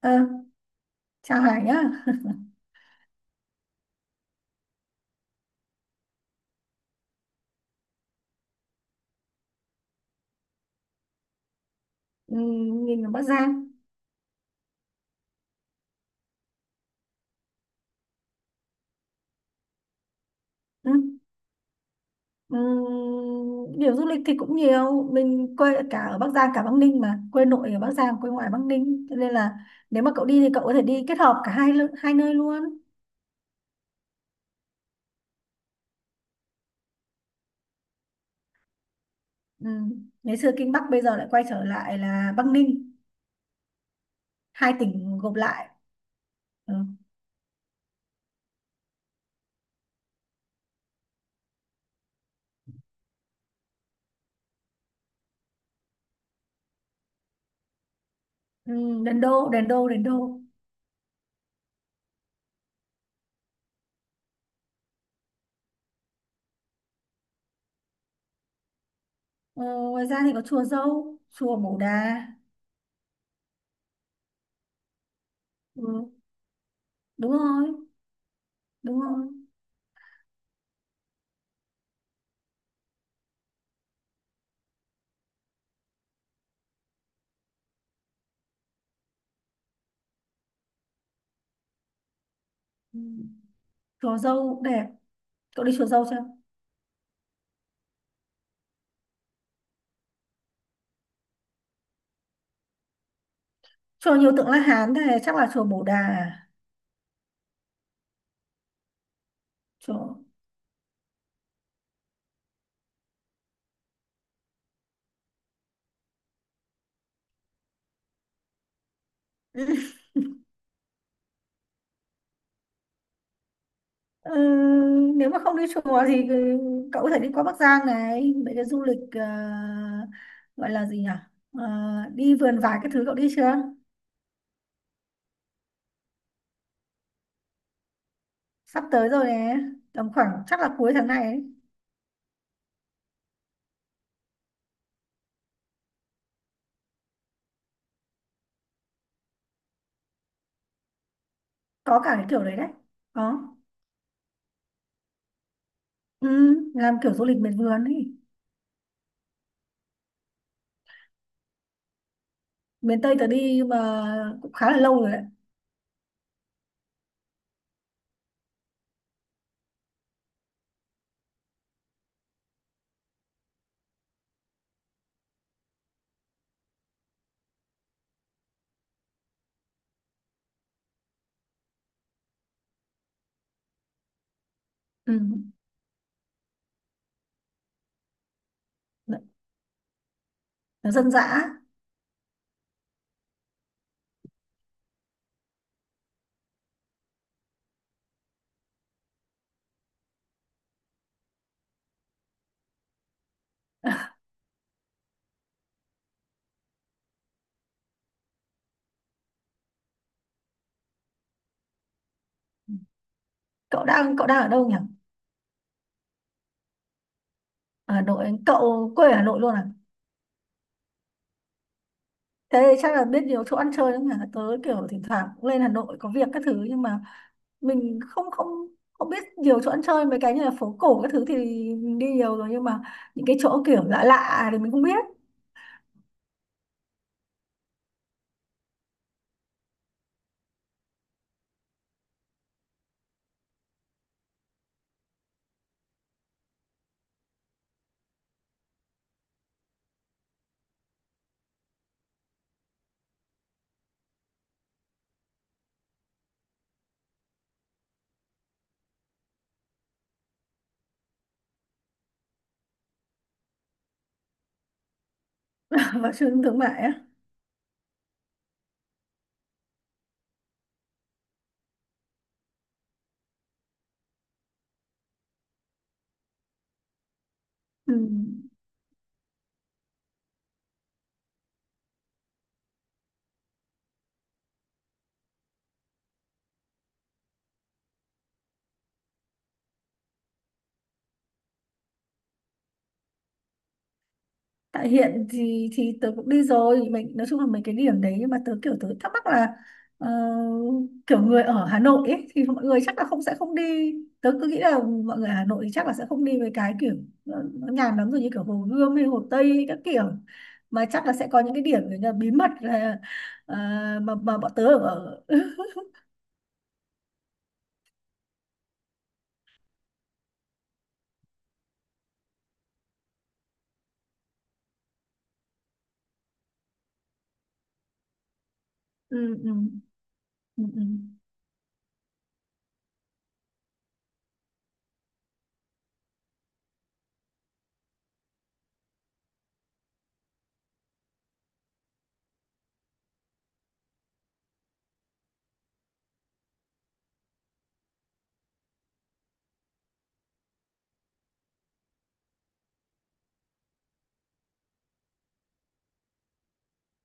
Ờ, Chào Hải nhá. Ừ, Mình ở Bắc Giang. Ừ. Ừ, Điểm du lịch thì cũng nhiều. Mình quê cả ở Bắc Giang cả Bắc Ninh mà. Quê nội ở Bắc Giang, quê ngoại Bắc Ninh. Cho nên là nếu mà cậu đi thì cậu có thể đi kết hợp cả hai nơi luôn. Ừ. Ngày xưa Kinh Bắc bây giờ lại quay trở lại là Bắc Ninh. Hai tỉnh gộp lại. Ừ. Ừ, Đền Đô. Ờ, Ngoài ra thì có chùa Dâu, chùa Bổ Đà. Ừ, đúng rồi, đúng rồi. Ừ. Chùa Dâu đẹp. Cậu đi chùa Dâu chưa? Chùa nhiều tượng La Hán thế chắc là chùa Bồ Đà à? Chùa... Ừ, Nếu mà không đi chùa thì cậu có thể đi qua Bắc Giang này, mấy cái du lịch gọi là gì nhỉ? Ờ, Đi vườn vải cái thứ cậu đi chưa? Sắp tới rồi nè, tầm khoảng chắc là cuối tháng này ấy. Có cả cái kiểu đấy đấy. Có. Ừ, làm kiểu du lịch miền vườn ấy. Miền Tây tớ đi mà cũng khá là lâu rồi đấy. Ừ. Nó dân dã. Cậu đang ở đâu nhỉ? Ở Hà Nội, cậu quê ở Hà Nội luôn à? Thế chắc là biết nhiều chỗ ăn chơi lắm hả? Tớ kiểu thỉnh thoảng cũng lên Hà Nội có việc các thứ, nhưng mà mình không không không biết nhiều chỗ ăn chơi. Mấy cái như là phố cổ các thứ thì mình đi nhiều rồi, nhưng mà những cái chỗ kiểu lạ lạ thì mình không biết. Vào trung tâm thương mại á? Ừ. Tại hiện thì tớ cũng đi rồi, mình nói chung là mấy cái điểm đấy, nhưng mà tớ kiểu tớ thắc mắc là ờ, kiểu người ở Hà Nội ấy, thì mọi người chắc là không, sẽ không đi. Tớ cứ nghĩ là mọi người ở Hà Nội thì chắc là sẽ không đi với cái kiểu nó nhàm lắm rồi như kiểu Hồ Gươm hay Hồ Tây hay các kiểu, mà chắc là sẽ có những cái điểm kiểu như là bí mật là ờ, mà bọn tớ ở. Ừ, ừ, ừ, ừ,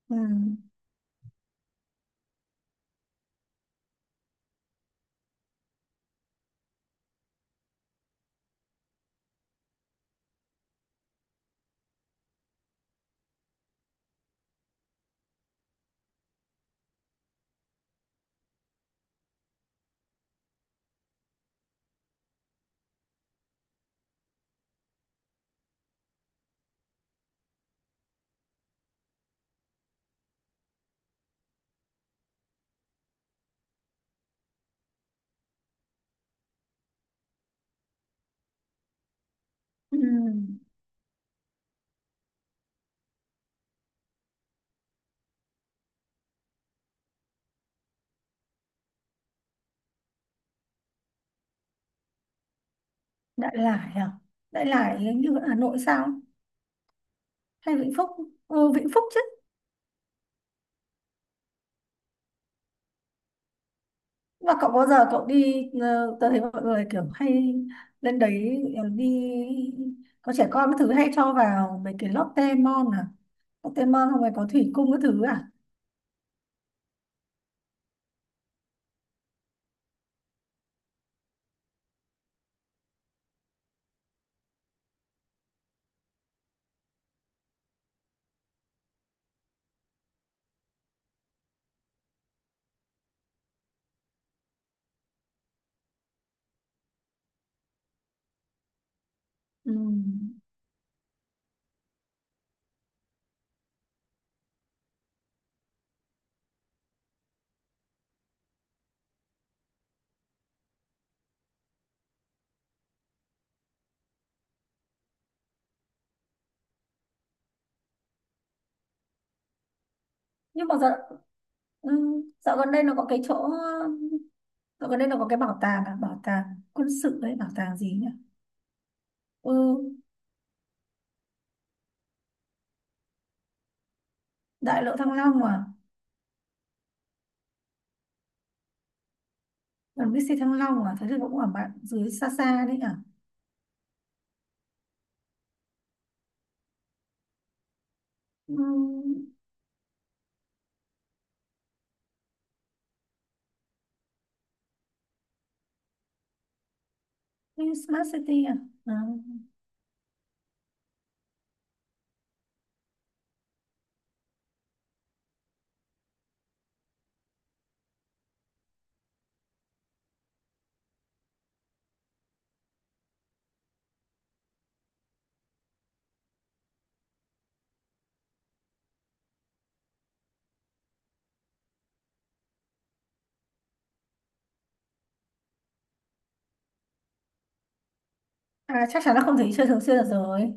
ừ, ừ. Đại Lải à? Đại Lải hình như ở Hà Nội sao? Hay Vĩnh Phúc? Ừ, Vĩnh Phúc chứ. Mà cậu có giờ cậu đi, tớ thấy mọi người kiểu hay lên đấy đi có trẻ con cái thứ hay cho vào mấy cái Lotte Mall à? Lotte Mall không phải có thủy cung cái thứ à? Ừ. Nhưng mà dạo, ừ, dạo gần đây nó có cái chỗ, dạo gần đây nó có cái bảo tàng à, bảo tàng quân sự đấy, bảo tàng gì nhỉ? Ừ, Đại lộ Thăng Long à? Gần BC Thăng Long à? Thế thì cũng ở bạn dưới xa xa đấy à? Ừ. Smart City à, à. À, chắc chắn là không thấy chơi thường xuyên được rồi.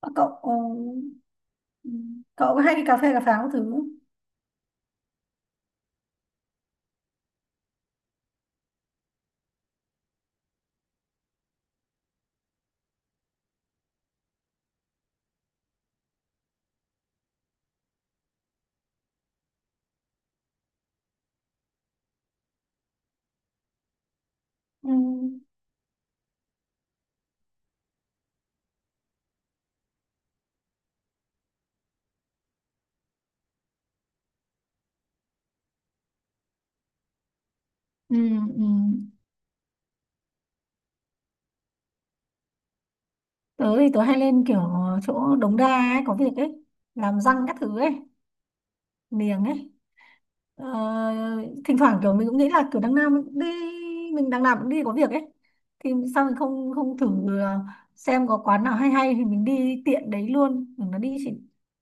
Ờ, Cậu ừ, cậu có hay đi cà phê cà pháo các thứ không? Ừ. Ừ, ừ. Tớ thì tớ hay lên kiểu chỗ Đống Đa ấy, có việc ấy, làm răng các thứ ấy, niềng ấy. Ờ, Thỉnh thoảng kiểu mình cũng nghĩ là kiểu đằng nào mình cũng đi, mình đằng nào cũng đi có việc ấy, thì sao mình không không thử ờ, xem có quán nào hay hay thì mình đi tiện đấy luôn.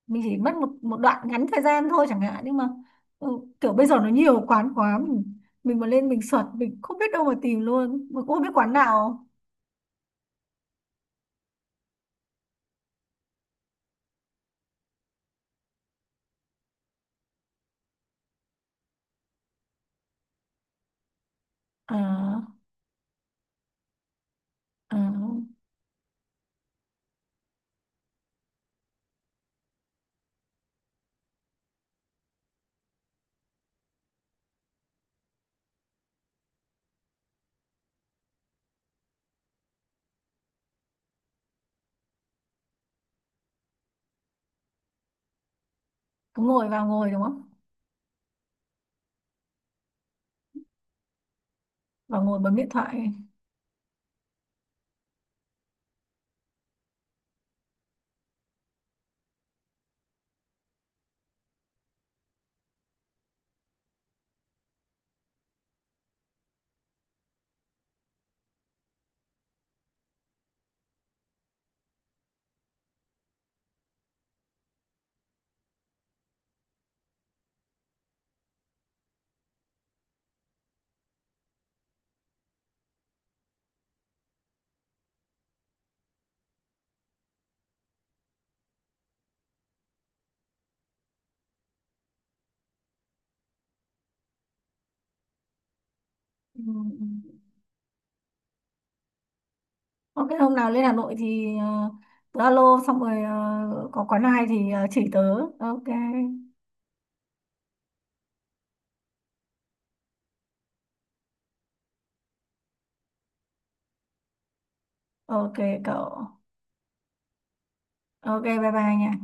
Mình chỉ mất một một đoạn ngắn thời gian thôi chẳng hạn, nhưng mà ừ, kiểu bây giờ nó nhiều quán quá. Mình mà lên mình search mình không biết đâu mà tìm luôn, mình cũng không biết quán nào. À, à, cứ ngồi vào ngồi đúng không, vào ngồi bấm điện thoại. Ừ. Ok, hôm nào lên Hà Nội thì tớ alo xong rồi có quán nào hay thì chỉ tớ. Ok, ok cậu. Ok, bye bye nha.